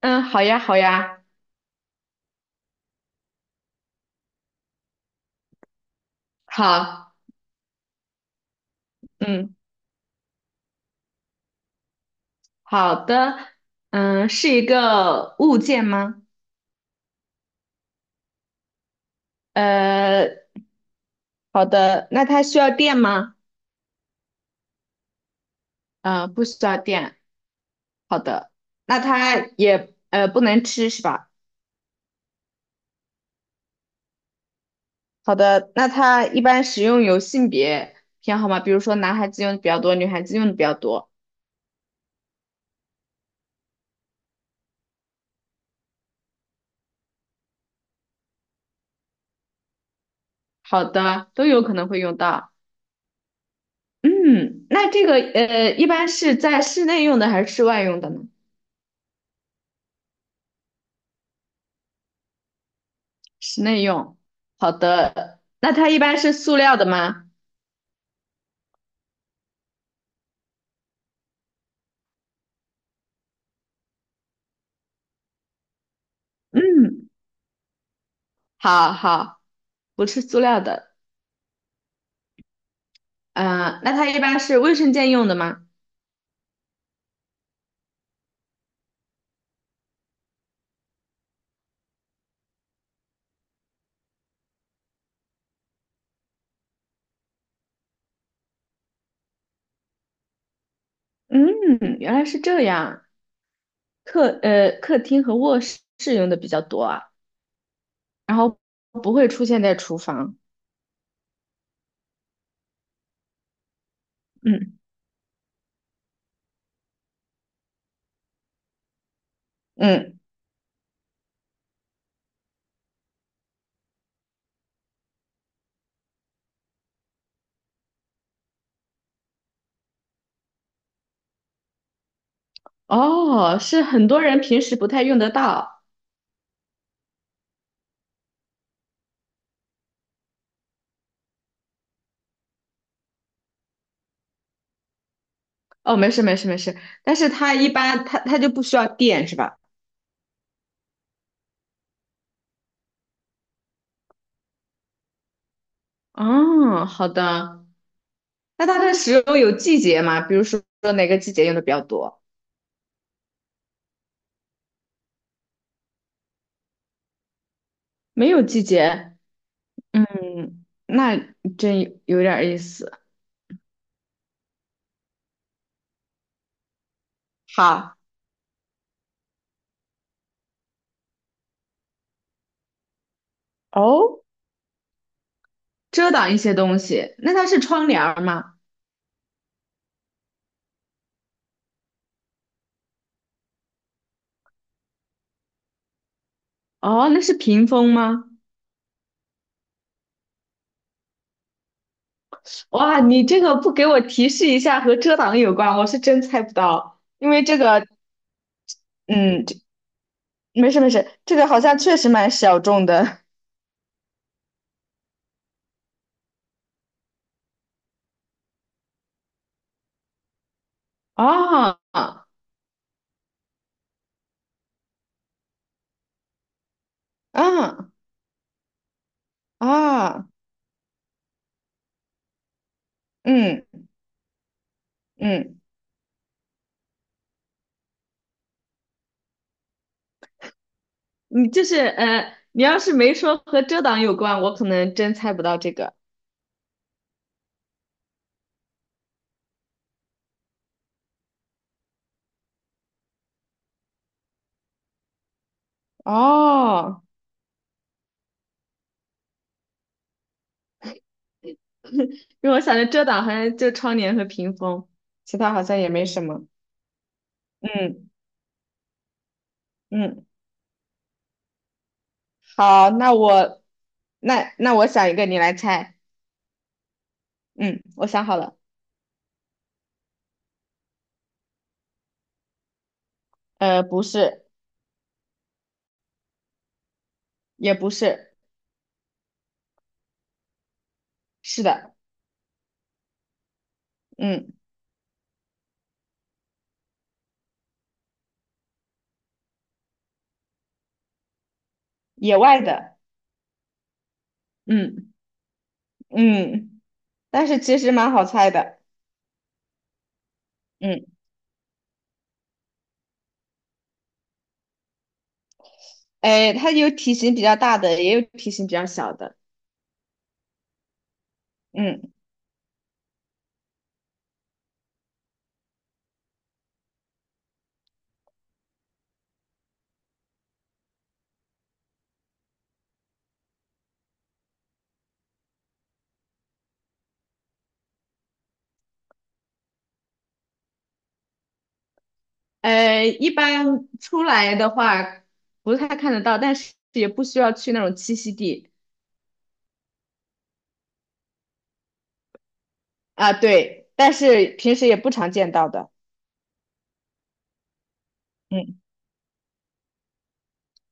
嗯，好呀，好呀，好，嗯，好的，嗯，是一个物件吗？呃，好的，那它需要电吗？不需要电。好的，那它也不能吃是吧？好的，那它一般使用有性别偏好吗？比如说男孩子用的比较多，女孩子用的比较多。好的，都有可能会用到。嗯，那这个一般是在室内用的还是室外用的呢？室内用。好的，那它一般是塑料的吗？嗯，好好，不是塑料的。嗯，那它一般是卫生间用的吗？嗯，原来是这样。客厅和卧室用的比较多啊，然后不会出现在厨房。嗯嗯，哦，是很多人平时不太用得到。哦，没事没事没事，但是它一般它就不需要电是吧？哦，好的。那它的石榴有季节吗？比如说哪个季节用的比较多？没有季节，嗯，那真有点儿意思。好，哦，遮挡一些东西，那它是窗帘儿吗？哦，那是屏风吗？哇，你这个不给我提示一下和遮挡有关，我是真猜不到，因为这个，嗯，没事没事，这个好像确实蛮小众的。啊啊啊，嗯嗯。你要是没说和遮挡有关，我可能真猜不到这个哦。因为我想着遮挡好像就窗帘和屏风，其他好像也没什么。嗯嗯，好，那我我想一个，你来猜。嗯，我想好了。不是，也不是，是的，嗯，野外的，嗯嗯，但是其实蛮好猜的，嗯，哎，它有体型比较大的，也有体型比较小的，嗯。一般出来的话不太看得到，但是也不需要去那种栖息地啊，对，但是平时也不常见到的，嗯，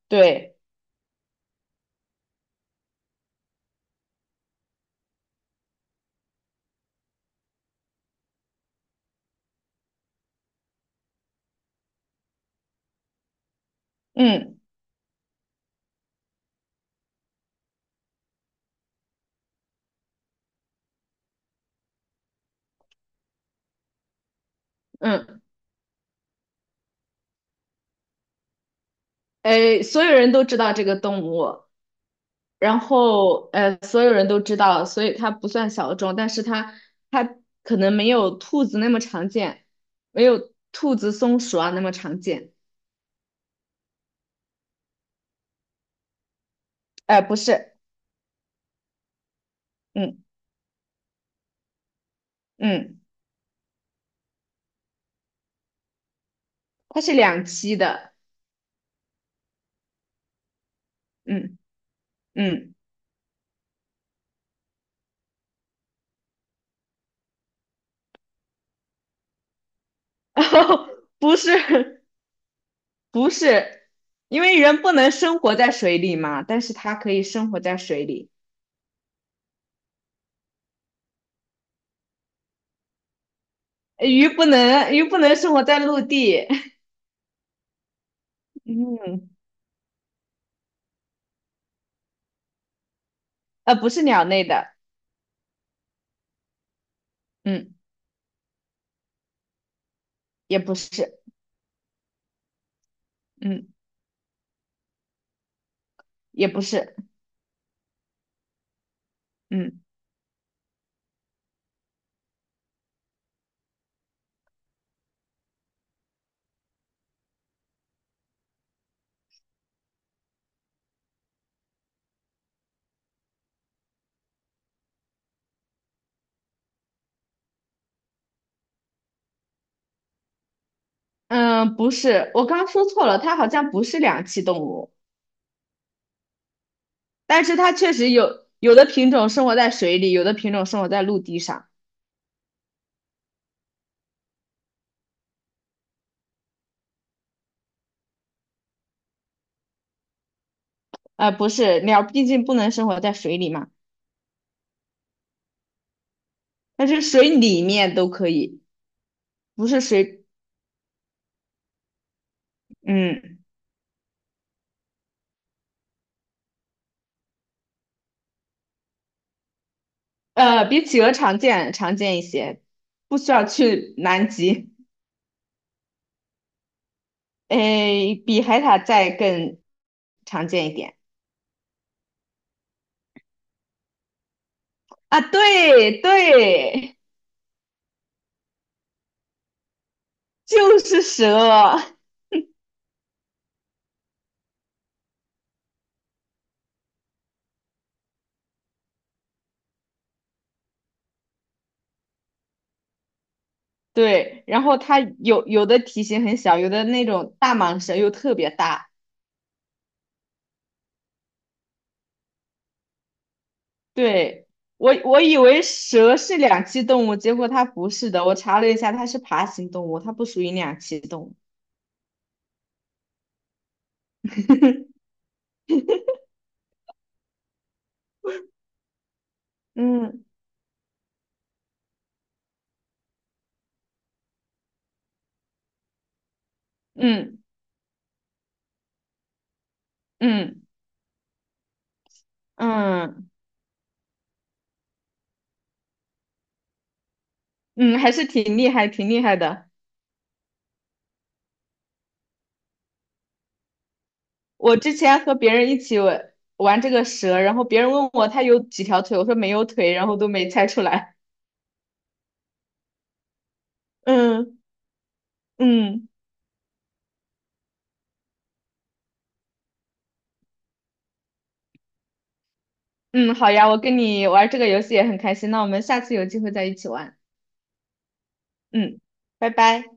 对，嗯嗯，所有人都知道这个动物，然后所有人都知道，所以它不算小众，但是它可能没有兔子那么常见，没有兔子、松鼠啊那么常见，不是，嗯嗯，它是两栖的，嗯嗯。哦，不是不是，因为人不能生活在水里嘛，但是它可以生活在水里。鱼不能生活在陆地，嗯，不是鸟类的，嗯，也不是，嗯，也不是，嗯嗯，不是，我刚刚说错了，它好像不是两栖动物，但是它确实有的品种生活在水里，有的品种生活在陆地上。不是，鸟毕竟不能生活在水里嘛，但是水里面都可以，不是水，嗯，比企鹅常见一些，不需要去南极，诶，比海獭再更常见一点啊，对对，就是蛇，对，然后它有的体型很小，有的那种大蟒蛇又特别大，对，我以为蛇是两栖动物，结果它不是的，我查了一下，它是爬行动物，它不属于两栖动物，嗯嗯嗯嗯。嗯嗯，还是挺厉害，挺厉害的。我之前和别人一起玩玩这个蛇，然后别人问我它有几条腿，我说没有腿，然后都没猜出来。嗯嗯嗯，好呀，我跟你玩这个游戏也很开心，那我们下次有机会再一起玩。嗯，拜拜。